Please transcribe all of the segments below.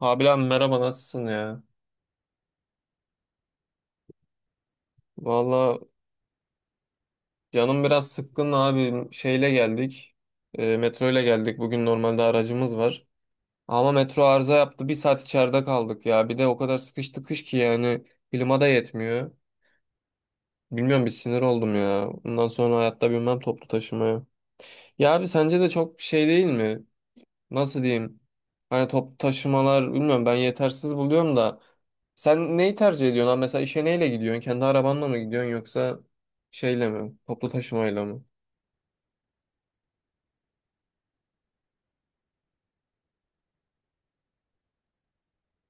Abi, merhaba, nasılsın ya? Valla, canım biraz sıkkın abi, şeyle geldik. Metro ile geldik. Bugün normalde aracımız var ama metro arıza yaptı. Bir saat içeride kaldık ya. Bir de o kadar sıkıştı kış ki yani klima da yetmiyor. Bilmiyorum, bir sinir oldum ya. Bundan sonra hayatta binmem toplu taşımaya. Ya abi, sence de çok şey değil mi? Nasıl diyeyim, hani top taşımalar bilmiyorum, ben yetersiz buluyorum da. Sen neyi tercih ediyorsun abi? Mesela işe neyle gidiyorsun, kendi arabanla mı gidiyorsun yoksa şeyle mi, toplu taşımayla mı?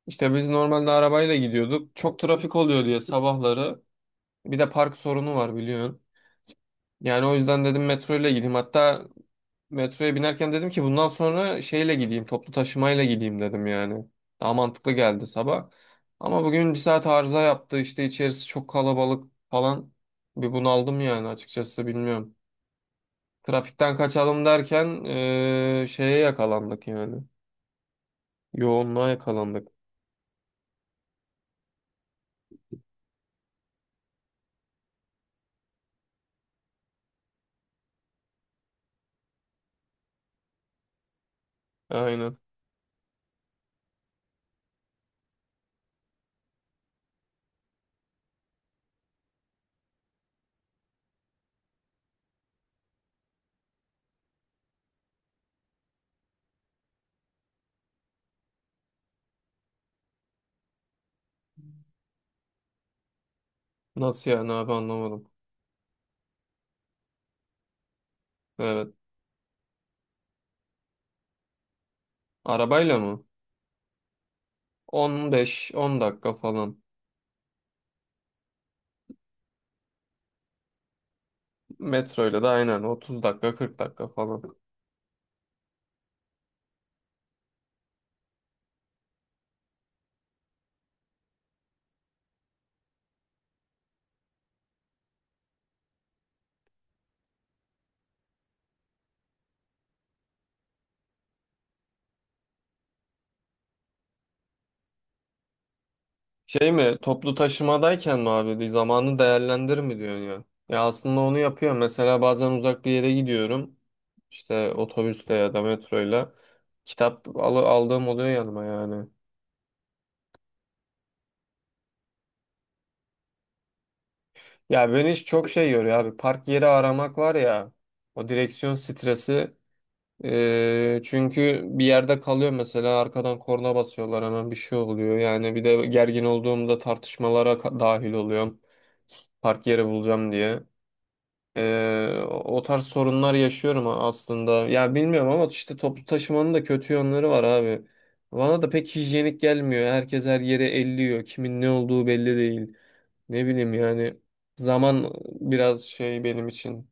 İşte biz normalde arabayla gidiyorduk, çok trafik oluyor diye sabahları. Bir de park sorunu var, biliyorsun. Yani o yüzden dedim metro ile gideyim. Hatta metroya binerken dedim ki bundan sonra şeyle gideyim, toplu taşımayla gideyim dedim yani. Daha mantıklı geldi sabah. Ama bugün bir saat arıza yaptı, işte içerisi çok kalabalık falan. Bir bunaldım yani, açıkçası bilmiyorum. Trafikten kaçalım derken şeye yakalandık yani. Yoğunluğa yakalandık. Aynen. Nasıl yani abi, anlamadım. Evet. Arabayla mı? 15-10 dakika falan. Metroyla da aynen 30 dakika, 40 dakika falan. Şey mi, toplu taşımadayken mi abi zamanı değerlendir mi diyorsun ya? Ya aslında onu yapıyor. Mesela bazen uzak bir yere gidiyorum. İşte otobüsle ya da metroyla. Kitap aldığım oluyor yanıma yani. Ya beni hiç çok şey yoruyor abi. Park yeri aramak var ya. O direksiyon stresi. Çünkü bir yerde kalıyor, mesela arkadan korna basıyorlar, hemen bir şey oluyor. Yani bir de gergin olduğumda tartışmalara dahil oluyorum. Park yeri bulacağım diye. O tarz sorunlar yaşıyorum aslında. Ya bilmiyorum, ama işte toplu taşımanın da kötü yönleri var abi. Bana da pek hijyenik gelmiyor. Herkes her yere elliyor. Kimin ne olduğu belli değil. Ne bileyim yani, zaman biraz şey benim için.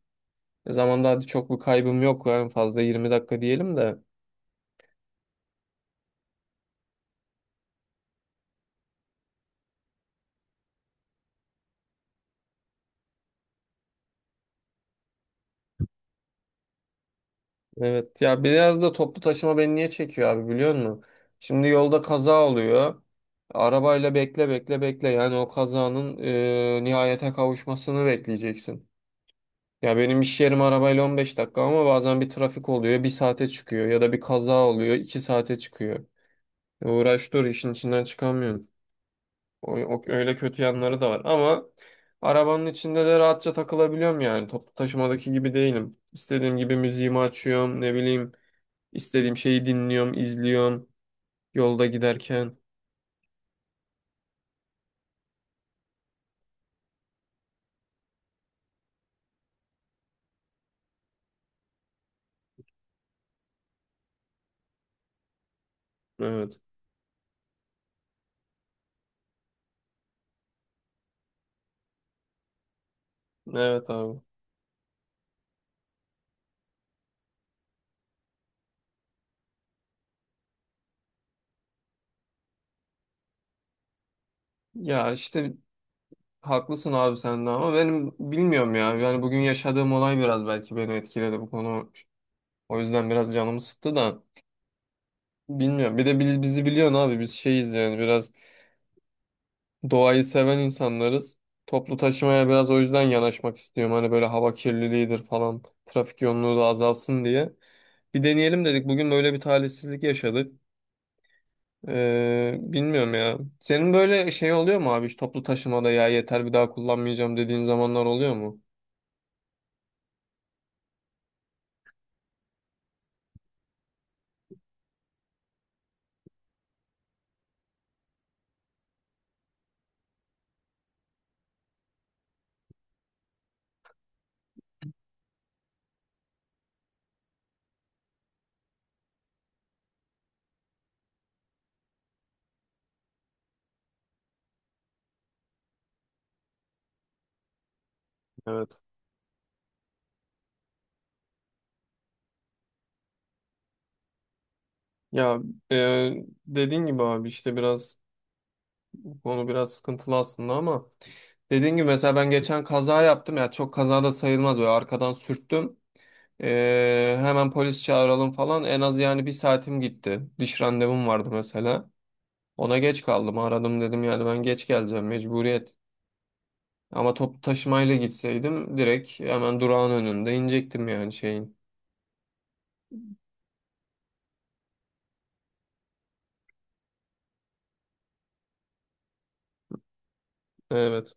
Zamanda hadi çok bir kaybım yok, en fazla 20 dakika diyelim de. Evet ya, biraz da toplu taşıma beni niye çekiyor abi, biliyor musun? Şimdi yolda kaza oluyor. Arabayla bekle bekle bekle, yani o kazanın nihayete kavuşmasını bekleyeceksin. Ya benim iş yerim arabayla 15 dakika, ama bazen bir trafik oluyor bir saate çıkıyor, ya da bir kaza oluyor 2 saate çıkıyor. Uğraş dur, işin içinden çıkamıyorsun. Öyle kötü yanları da var, ama arabanın içinde de rahatça takılabiliyorum, yani toplu taşımadaki gibi değilim. İstediğim gibi müziğimi açıyorum, ne bileyim. İstediğim şeyi dinliyorum, izliyorum yolda giderken. Evet. Evet abi. Ya işte haklısın abi sen de, ama benim bilmiyorum ya. Yani bugün yaşadığım olay biraz belki beni etkiledi bu konu. O yüzden biraz canımı sıktı da bilmiyorum. Bir de bizi biliyorsun abi, biz şeyiz yani biraz doğayı seven insanlarız. Toplu taşımaya biraz o yüzden yanaşmak istiyorum. Hani böyle hava kirliliğidir falan. Trafik yoğunluğu da azalsın diye. Bir deneyelim dedik. Bugün böyle bir talihsizlik yaşadık. Bilmiyorum ya. Senin böyle şey oluyor mu abi? Hiç toplu taşımada ya yeter, bir daha kullanmayacağım dediğin zamanlar oluyor mu? Evet. Ya e, dediğin gibi abi, işte biraz bu konu biraz sıkıntılı aslında, ama dediğin gibi mesela ben geçen kaza yaptım ya, çok kaza da sayılmaz, böyle arkadan sürttüm. Hemen polis çağıralım falan, en az yani 1 saatim gitti. Diş randevum vardı mesela. Ona geç kaldım, aradım dedim yani ben geç geleceğim, mecburiyet. Ama toplu taşımayla gitseydim direkt hemen durağın önünde inecektim yani şeyin. Evet.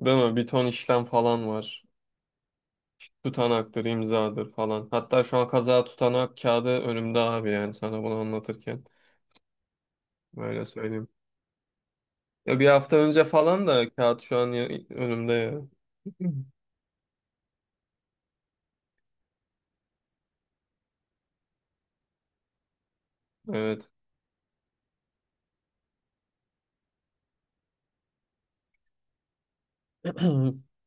Değil mi? Bir ton işlem falan var. Tutanaktır, imzadır falan. Hatta şu an kaza tutanağı kağıdı önümde abi, yani sana bunu anlatırken. Öyle söyleyeyim. Ya bir hafta önce falan da, kağıt şu an önümde ya. Evet.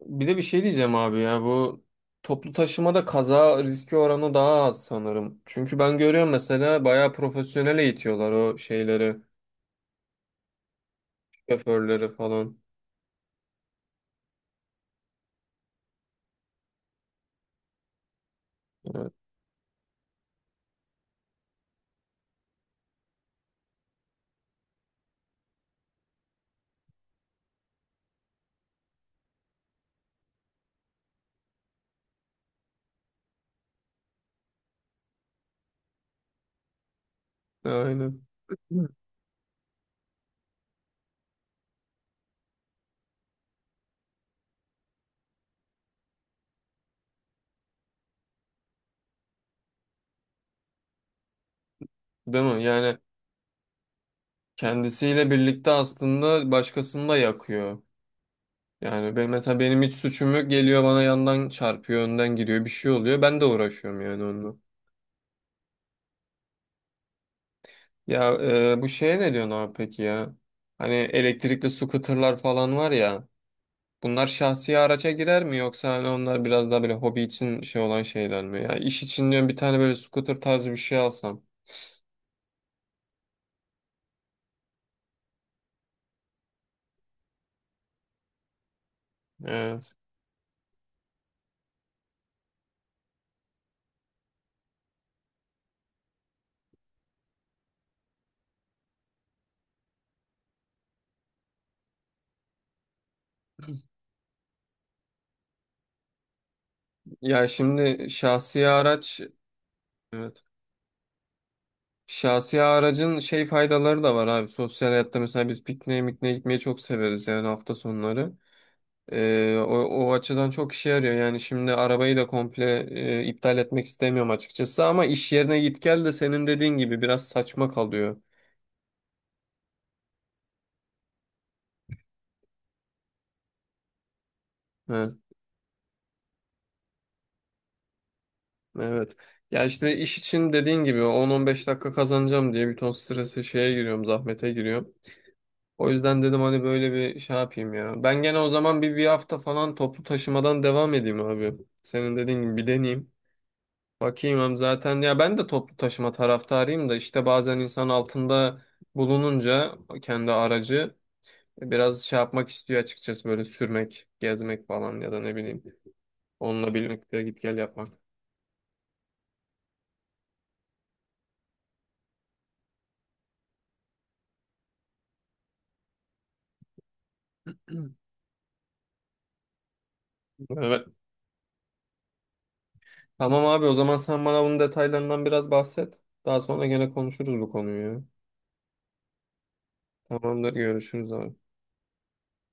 Bir de bir şey diyeceğim abi, ya bu toplu taşımada kaza riski oranı daha az sanırım. Çünkü ben görüyorum, mesela bayağı profesyonel eğitiyorlar o şeyleri, şoförleri falan. Evet, aynen. Değil mi? Yani kendisiyle birlikte aslında başkasını da yakıyor. Yani ben mesela, benim hiç suçum yok, geliyor bana yandan çarpıyor, önden gidiyor, bir şey oluyor. Ben de uğraşıyorum yani onunla. Ya bu şeye ne diyorsun abi peki ya? Hani elektrikli scooter'lar falan var ya. Bunlar şahsi araca girer mi, yoksa hani onlar biraz daha böyle hobi için şey olan şeyler mi? Ya iş için diyorum, bir tane böyle scooter tarzı bir şey alsam. Evet. Ya şimdi şahsi araç, evet. Şahsi aracın şey faydaları da var abi. Sosyal hayatta mesela biz pikniğe mikniğe gitmeyi çok severiz yani hafta sonları. O açıdan çok işe yarıyor. Yani şimdi arabayı da komple iptal etmek istemiyorum açıkçası, ama iş yerine git gel de senin dediğin gibi biraz saçma kalıyor. He, evet. Ya işte iş için, dediğin gibi, 10-15 dakika kazanacağım diye bir ton strese şeye giriyorum, zahmete giriyorum. O yüzden dedim hani böyle bir şey yapayım ya. Ben gene o zaman bir hafta falan toplu taşımadan devam edeyim abi. Senin dediğin gibi bir deneyeyim. Bakayım hem, zaten ya ben de toplu taşıma taraftarıyım da, işte bazen insan altında bulununca kendi aracı biraz şey yapmak istiyor açıkçası, böyle sürmek, gezmek falan, ya da ne bileyim onunla birlikte git gel yapmak. Evet. Tamam abi, o zaman sen bana bunun detaylarından biraz bahset. Daha sonra gene konuşuruz bu konuyu ya. Tamamdır, görüşürüz abi.